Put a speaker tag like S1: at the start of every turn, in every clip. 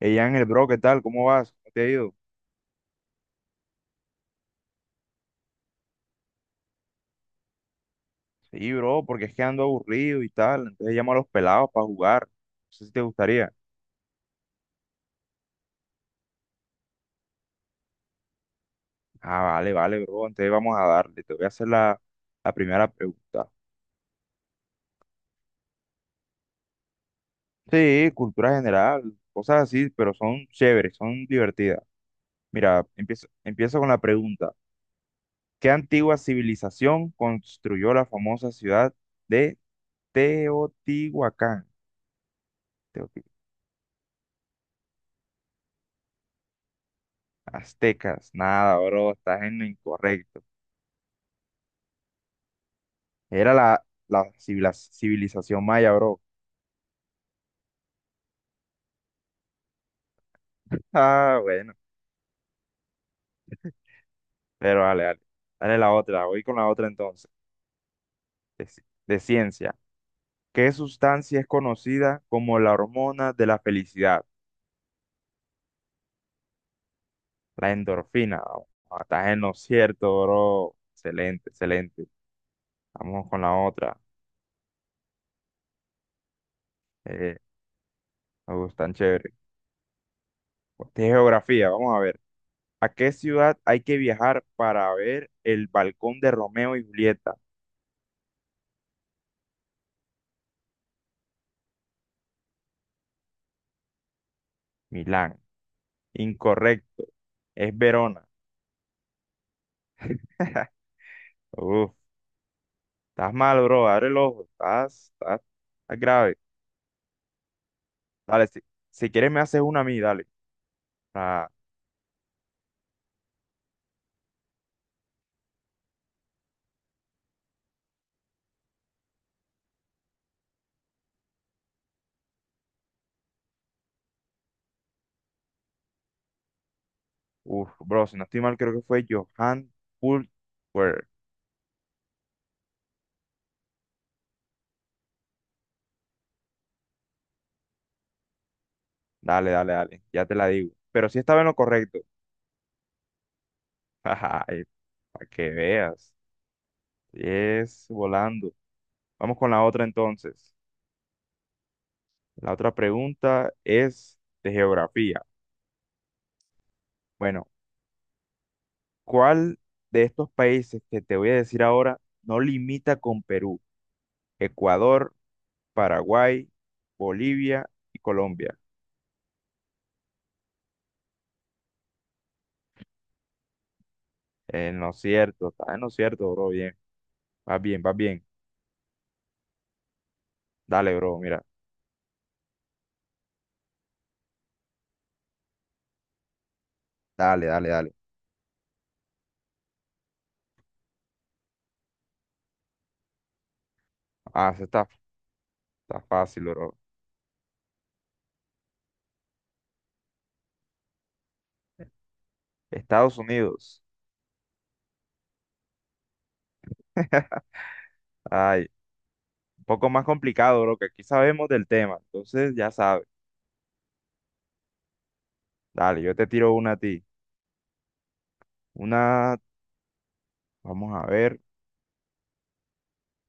S1: Ey, Ángel, bro, ¿qué tal? ¿Cómo vas? ¿Cómo te ha ido? Sí, bro, porque es que ando aburrido y tal. Entonces llamo a los pelados para jugar. No sé si te gustaría. Ah, vale, vale, bro. Entonces vamos a darle. Te voy a hacer la primera pregunta. Sí, cultura general, cosas así, pero son chéveres, son divertidas. Mira, empiezo con la pregunta. ¿Qué antigua civilización construyó la famosa ciudad de Teotihuacán? Teoti- Aztecas. Nada, bro, estás en lo incorrecto. Era la civilización maya, bro. Ah, bueno. Pero dale, dale. Dale la otra. Voy con la otra entonces. De, ci- de ciencia. ¿Qué sustancia es conocida como la hormona de la felicidad? La endorfina. Oh, ah, estás en lo cierto, bro. Excelente, excelente. Vamos con la otra. Eh, Me gustan chévere. De geografía, vamos a ver. ¿A qué ciudad hay que viajar para ver el balcón de Romeo y Julieta? Milán. Incorrecto. Es Verona. Uf, estás mal, bro. Abre el ojo. Estás grave. Dale, si, si quieres me haces una a mí, dale. Ah, uf, bro, si no estoy mal, creo que fue Johan Pultwer. Dale, dale, dale. Ya te la digo. Pero sí estaba en lo correcto. Ay, para que veas. Sí, es volando. Vamos con la otra entonces. La otra pregunta es de geografía. Bueno, ¿cuál de estos países que te voy a decir ahora no limita con Perú? Ecuador, Paraguay, Bolivia y Colombia. ¿No lo cierto, Está en lo cierto, bro. Bien, vas bien, vas bien. Dale, bro, mira. Dale, dale, dale. Ah, eso está, está fácil, bro. Estados Unidos. Ay, un poco más complicado, bro, que aquí sabemos del tema. Entonces, ya sabes. Dale, yo te tiro una a ti. Una, vamos a ver,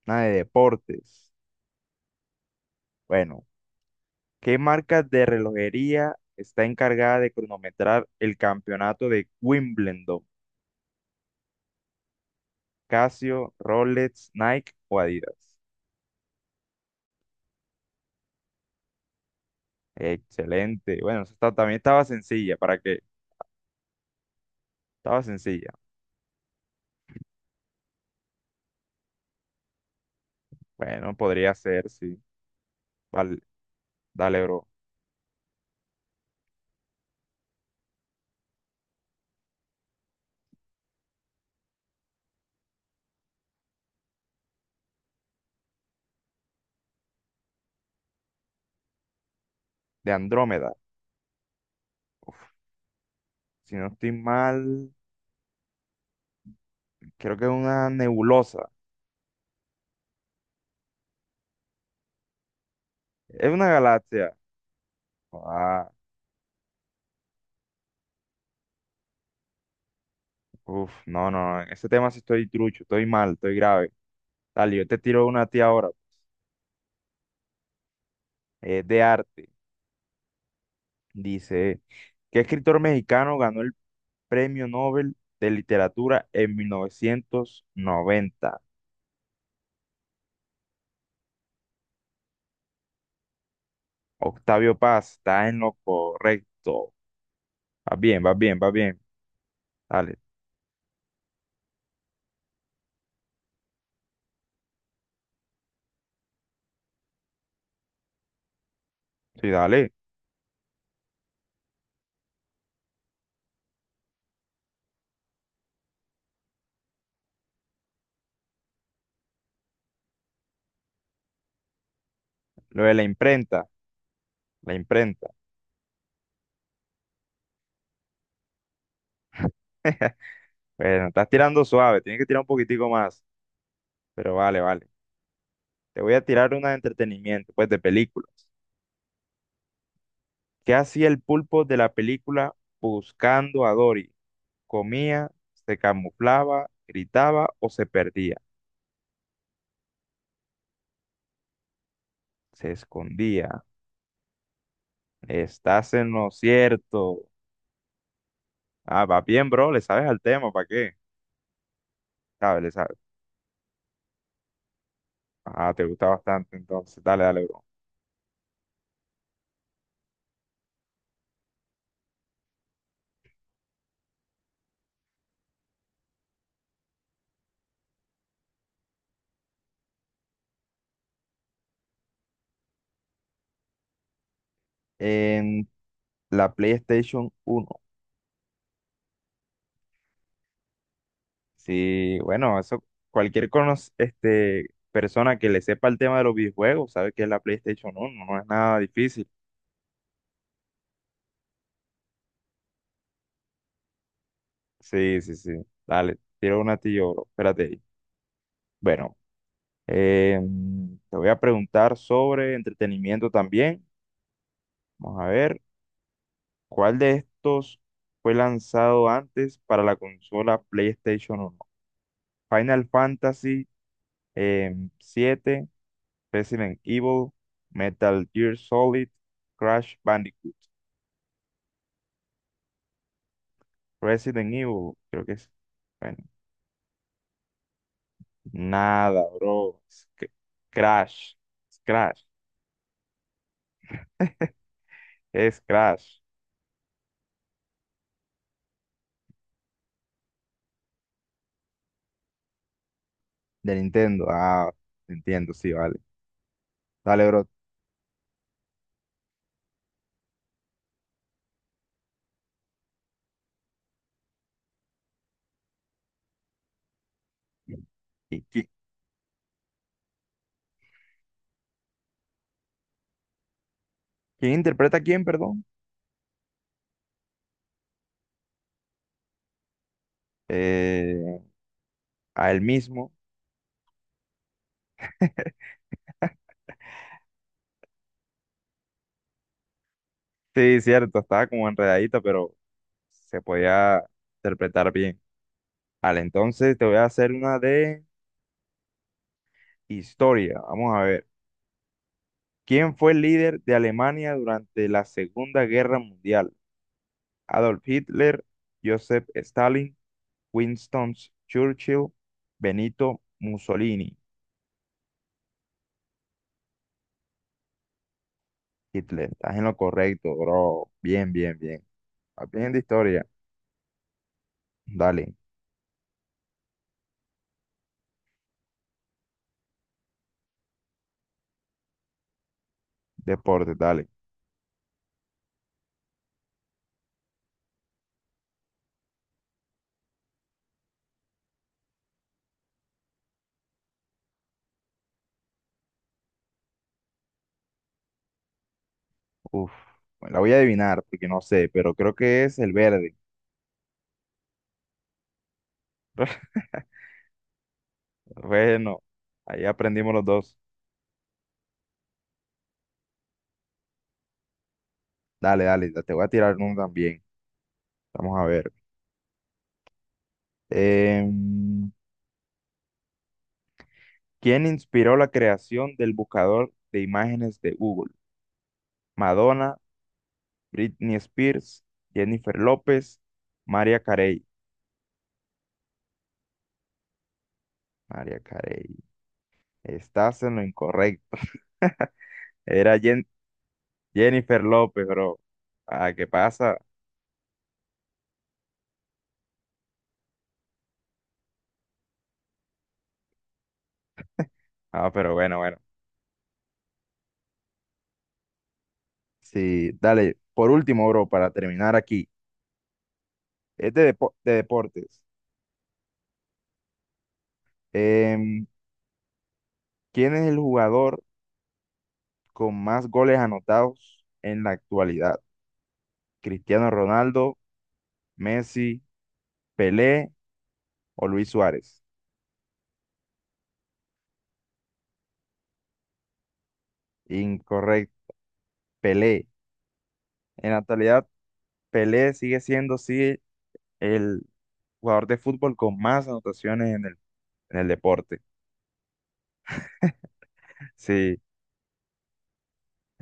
S1: una de deportes. Bueno, ¿qué marca de relojería está encargada de cronometrar el campeonato de Wimbledon? Casio, Rolex, Nike o Adidas. Excelente. Bueno, esa está- también estaba sencilla. ¿Para qué? Estaba sencilla. Bueno, podría ser, sí. Vale, dale, bro. De Andrómeda. Si no estoy mal, creo que es una nebulosa. Es una galaxia. Ah, uf, no, no, no. En ese tema sí estoy trucho, estoy mal, estoy grave. Dale, yo te tiro una a ti ahora. Es de arte. Dice, ¿qué escritor mexicano ganó el Premio Nobel de Literatura en 1990? Octavio Paz, está en lo correcto. Va bien, va bien, va bien. Dale, sí, dale. Lo de la imprenta, la imprenta. Bueno, estás tirando suave, tienes que tirar un poquitico más. Pero vale, vale. Te voy a tirar una de entretenimiento, pues de películas. ¿Qué hacía el pulpo de la película Buscando a Dory? ¿Comía, se camuflaba, gritaba o se perdía? Se escondía. Estás en lo cierto. Ah, va bien, bro, le sabes al tema, ¿para qué? Sabes, le sabes. Ah, te gusta bastante, entonces, dale, dale, bro. En la PlayStation 1 sí, bueno, eso, cualquier persona que le sepa el tema de los videojuegos sabe que es la PlayStation 1, no es nada difícil. Sí, sí, sí, dale, tiro una a ti, yo, bro, espérate ahí. Bueno, te voy a preguntar sobre entretenimiento también. Vamos a ver, ¿cuál de estos fue lanzado antes para la consola PlayStation 1? Final Fantasy 7, Resident Evil, Metal Gear Solid, Crash Bandicoot. Resident Evil, creo que es. Bueno, nada, bro. Crash. Es Crash. Es Crash. De Nintendo. Ah, entiendo, sí, vale. Dale, bro. ¿Y qui- Quién interpreta a quién, perdón? Eh, a él mismo. Sí, cierto, estaba como enredadita, pero se podía interpretar bien. Vale, entonces te voy a hacer una de historia. Vamos a ver. ¿Quién fue el líder de Alemania durante la Segunda Guerra Mundial? Adolf Hitler, Joseph Stalin, Winston Churchill, Benito Mussolini. Hitler, estás en lo correcto, bro. Bien, bien, bien. Vas bien de historia. Dale, deporte, dale. Uf, bueno, la voy a adivinar porque no sé, pero creo que es el verde. Bueno, ahí aprendimos los dos. Dale, dale, te voy a tirar uno también. Vamos a ver. Eh, ¿Quién inspiró la creación del buscador de imágenes de Google? Madonna, Britney Spears, Jennifer López, María Carey. María Carey, estás en lo incorrecto. Era Jennifer López, bro. Ah, ¿qué pasa? Ah, pero bueno, bueno. Sí, dale. Por último, bro, para terminar aquí. Es de deportes. Em, ¿Quién es el jugador con más goles anotados en la actualidad? Cristiano Ronaldo, Messi, Pelé o Luis Suárez. Incorrecto. Pelé. En la actualidad, Pelé sigue siendo, sí, el jugador de fútbol con más anotaciones en en el deporte. Sí.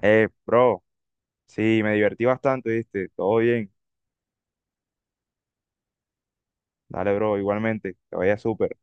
S1: Bro, sí, me divertí bastante, ¿viste? Todo bien. Dale, bro, igualmente. Que vaya súper.